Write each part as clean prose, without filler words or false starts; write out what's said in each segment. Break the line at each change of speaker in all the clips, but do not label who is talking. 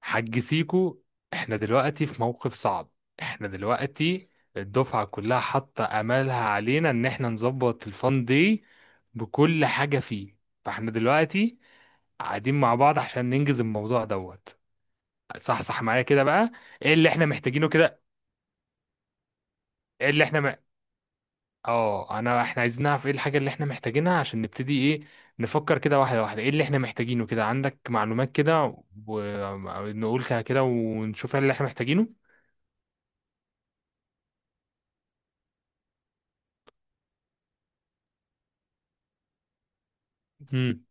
حاج سيكو، احنا دلوقتي في موقف صعب. احنا دلوقتي الدفعة كلها حاطة امالها علينا ان احنا نظبط الفان دي بكل حاجة فيه. فاحنا دلوقتي قاعدين مع بعض عشان ننجز الموضوع دوت. صح صح معايا كده بقى؟ ايه اللي احنا محتاجينه كده؟ ايه اللي احنا م... اه انا احنا عايزين نعرف ايه الحاجة اللي احنا محتاجينها عشان نبتدي. ايه، نفكر كده واحدة واحدة، ايه اللي احنا محتاجينه كده؟ عندك معلومات كده ونقول كده كده ونشوف ايه اللي احنا محتاجينه. مم.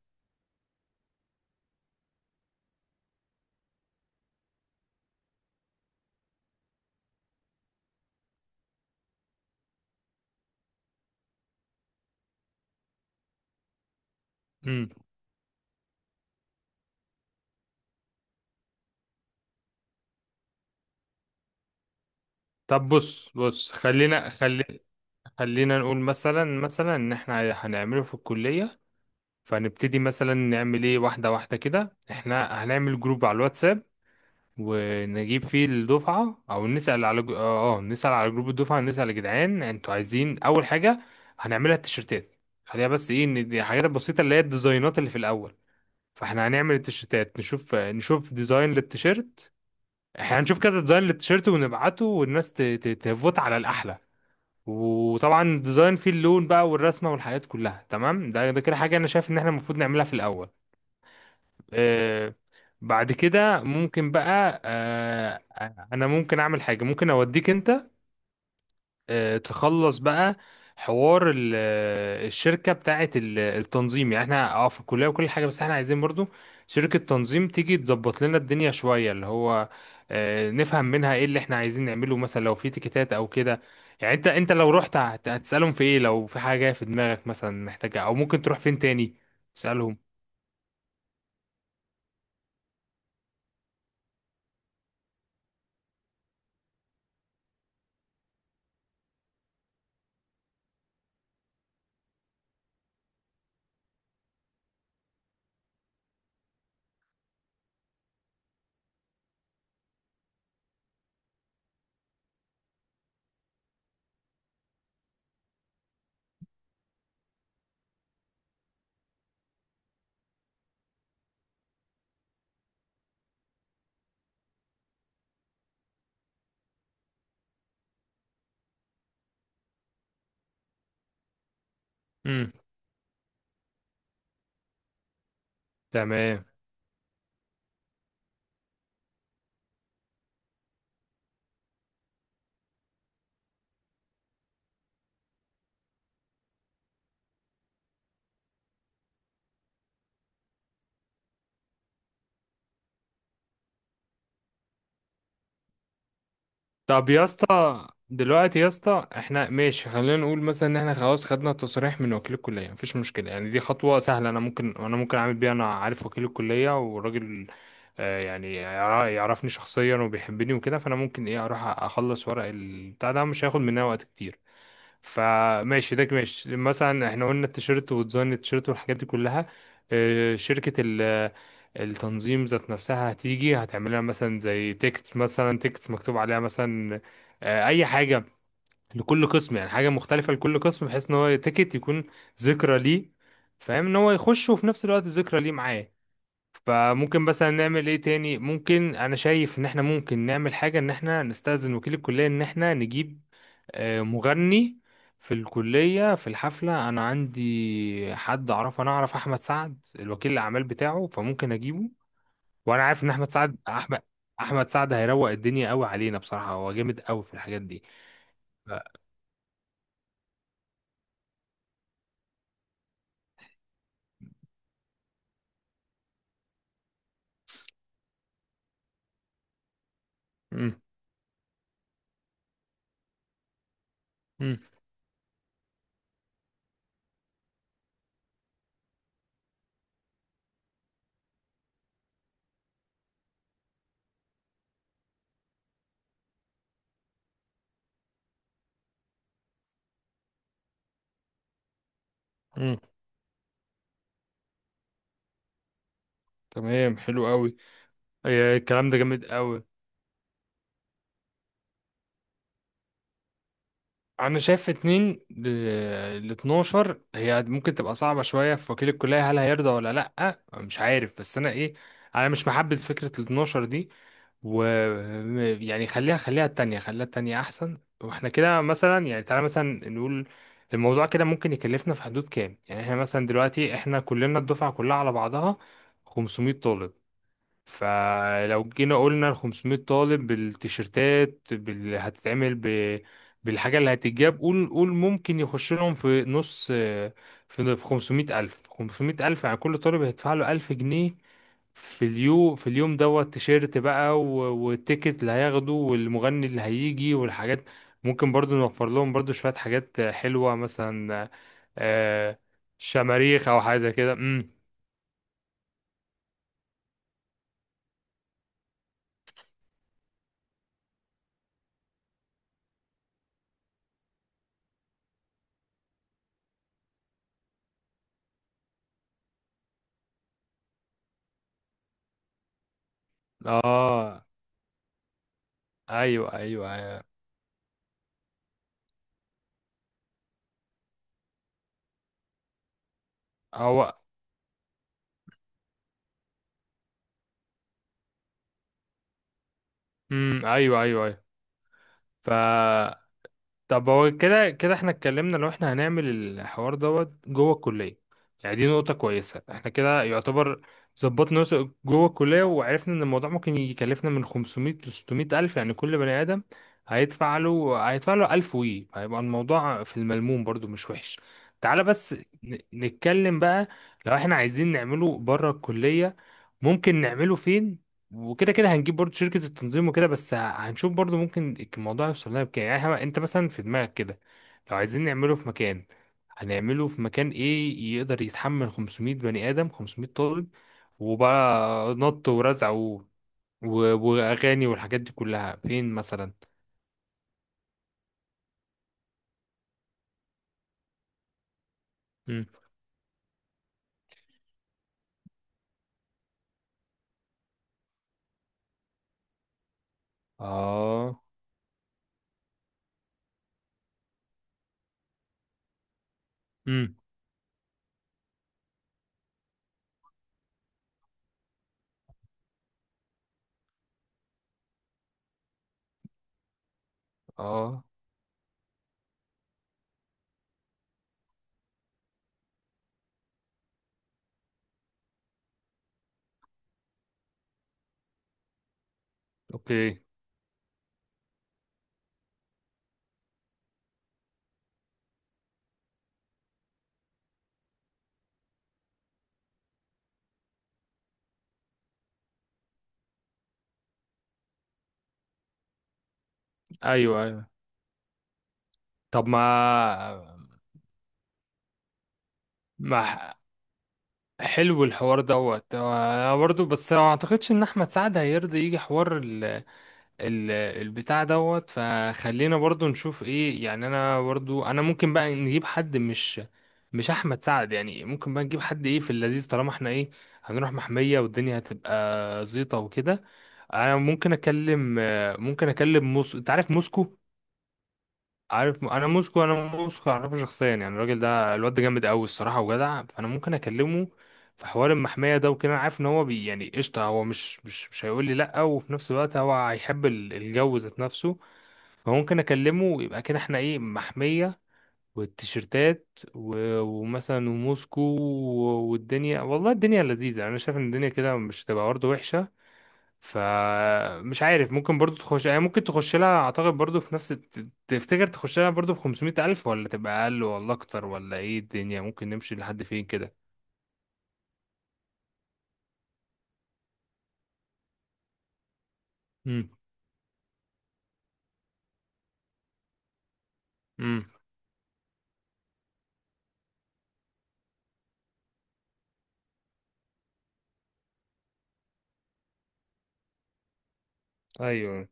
مم. طب بص بص، خلينا نقول مثلا ان احنا هنعمله في الكلية. فهنبتدي مثلا نعمل ايه واحدة واحدة. كده احنا هنعمل جروب على الواتساب ونجيب فيه الدفعة، او نسأل على نسأل على جروب الدفعة، نسأل يا جدعان انتوا عايزين اول حاجة هنعملها التيشيرتات. خليها بس ايه، ان دي الحاجات البسيطة اللي هي الديزاينات اللي في الاول. فاحنا هنعمل التيشيرتات، نشوف ديزاين للتيشيرت. احنا هنشوف كذا ديزاين للتيشيرت ونبعته، والناس تفوت على الاحلى. وطبعا ديزاين فيه اللون بقى والرسمه والحاجات كلها تمام. ده كده حاجه انا شايف ان احنا المفروض نعملها في الاول. آه. بعد كده ممكن بقى، انا ممكن اعمل حاجه، ممكن اوديك انت تخلص بقى حوار الشركة بتاعة التنظيم. يعني احنا اه في الكلية وكل حاجة، بس احنا عايزين برضو شركة تنظيم تيجي تظبط لنا الدنيا شوية، اللي هو نفهم منها ايه اللي احنا عايزين نعمله، مثلا لو في تيكيتات او كده. يعني انت لو رحت هتسألهم في ايه لو في حاجة في دماغك مثلا محتاجة، او ممكن تروح فين تاني تسألهم. امم. تمام. طب يا اسطى دلوقتي يا اسطى، احنا ماشي، خلينا نقول مثلا ان احنا خلاص خدنا التصريح من وكيل الكليه، مفيش مشكله، يعني دي خطوه سهله، انا ممكن، انا ممكن اعمل بيها، انا عارف وكيل الكليه وراجل آه يعني يعرفني شخصيا وبيحبني وكده. فانا ممكن ايه اروح اخلص ورق البتاع ده، مش هياخد مننا وقت كتير. فماشي ده ماشي. مثلا احنا قلنا التيشيرت وديزاين التيشيرت والحاجات دي كلها. شركة التنظيم ذات نفسها هتيجي هتعمل لها مثلا زي تيكت، مثلا تيكت مكتوب عليها مثلا اي حاجة لكل قسم، يعني حاجة مختلفة لكل قسم، بحيث ان هو تيكت يكون ذكرى ليه، فاهم، ان هو يخش وفي نفس الوقت ذكرى ليه معاه. فممكن مثلا نعمل ايه تاني، ممكن، انا شايف ان احنا ممكن نعمل حاجة ان احنا نستأذن وكيل الكلية ان احنا نجيب مغني في الكلية في الحفلة. أنا عندي حد أعرفه، أنا أعرف أحمد سعد الوكيل الأعمال بتاعه، فممكن أجيبه. وأنا عارف إن أحمد سعد هيروق الدنيا قوي علينا. بصراحة هو جامد قوي في الحاجات دي. ف... مم. مم. مم. تمام، حلو قوي. الكلام ده جامد قوي. انا شايف اتنين ل 12 هي ممكن تبقى صعبة شوية، في وكيل الكلية هل هيرضى ولا لأ، مش عارف، بس انا ايه، انا مش محبذ فكرة ال 12 دي. و يعني خليها، خليها التانية احسن. واحنا كده مثلا يعني تعالى مثلا نقول الموضوع كده ممكن يكلفنا في حدود كام. يعني احنا مثلا دلوقتي احنا كلنا الدفعة كلها على بعضها 500 طالب. فلو جينا قلنا ال 500 طالب بالتيشيرتات بالحاجة اللي هتتجاب، قول ممكن يخش لهم في نص، في 500 ألف، 500 ألف، يعني كل طالب هيدفع له 1000 جنيه في اليوم، في اليوم دوت، تيشيرت بقى والتيكت اللي هياخده والمغني اللي هيجي والحاجات. ممكن برضو نوفر لهم برضو شوية حاجات حلوة مثلا آه، شماريخ أو حاجة كده. امم. اه، ايوه ايوه أيوة. هو. امم، ايوه ايوه ايوه. ف طب هو كده كده احنا اتكلمنا لو احنا هنعمل الحوار دوت جوه الكليه، يعني دي نقطه كويسه، احنا كده يعتبر ظبطنا نفسه جوه الكليه، وعرفنا ان الموضوع ممكن يكلفنا من 500 ل 600 الف، يعني كل بني ادم هيدفع له 1000، وي هيبقى الموضوع في الملموم برضو مش وحش. تعالى بس نتكلم بقى لو احنا عايزين نعمله بره الكليه، ممكن نعمله فين؟ وكده كده هنجيب برضو شركة التنظيم وكده، بس هنشوف برضو ممكن الموضوع يوصل لنا بكام. يعني انت مثلا في دماغك كده لو عايزين نعمله في مكان، هنعمله في مكان ايه يقدر يتحمل 500 بني آدم، 500 طالب، وبقى نط ورزع و... واغاني والحاجات دي كلها فين مثلا؟ مم. اه. امم. اه. اوكي. ايوه ايوه. طب ما. ما حلو الحوار دوت. هو انا برضو بس ما اعتقدش ان احمد سعد هيرضى يجي حوار ال ال البتاع دوت. فخلينا برضو نشوف ايه، يعني انا برضو، انا ممكن بقى نجيب حد، مش احمد سعد، يعني ممكن بقى نجيب حد ايه في اللذيذ طالما احنا ايه هنروح محمية، والدنيا هتبقى زيطة وكده. انا ممكن اكلم ممكن اكلم موسكو، انت عارف موسكو؟ عارف انا موسكو اعرفه شخصيا، يعني الراجل ده الواد ده جامد قوي الصراحه وجدع، فانا ممكن اكلمه في حوار المحميه ده وكده. انا عارف ان هو بي يعني قشطه، هو مش هيقول لي لا. وفي نفس الوقت هو هيحب الجو ذات نفسه. فممكن اكلمه ويبقى كده احنا ايه، محميه والتيشيرتات ومثلا وموسكو والدنيا، والله الدنيا لذيذه. انا شايف ان الدنيا كده مش تبقى برضه وحشه. فمش عارف ممكن برضو تخش، يعني ممكن تخش لها، اعتقد برضو في نفس تفتكر تخش لها برضو في 500 الف، ولا تبقى اقل ولا اكتر، ولا ايه الدنيا ممكن نمشي لحد فين كده؟ امم. امم. ايوه.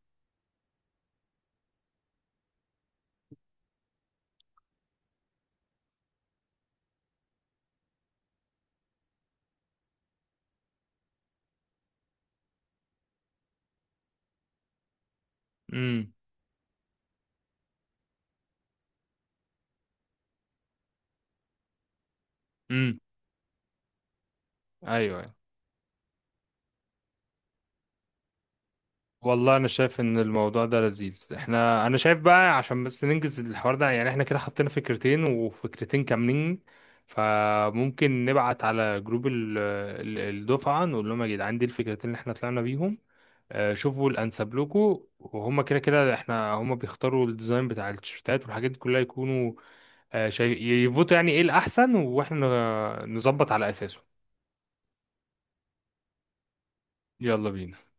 امم. امم. ايوه. والله انا شايف ان الموضوع ده لذيذ. احنا، انا شايف بقى عشان بس ننجز الحوار ده، يعني احنا كده حطينا فكرتين، وفكرتين كاملين. فممكن نبعت على جروب الدفعة، نقول لهم يا جدعان دي الفكرتين اللي احنا طلعنا بيهم. شوفوا الانسب لكم، وهم كده كده احنا هم بيختاروا الديزاين بتاع التيشيرتات والحاجات دي كلها، يكونوا شايف يفوتوا يعني ايه الاحسن، واحنا نظبط على اساسه. يلا بينا.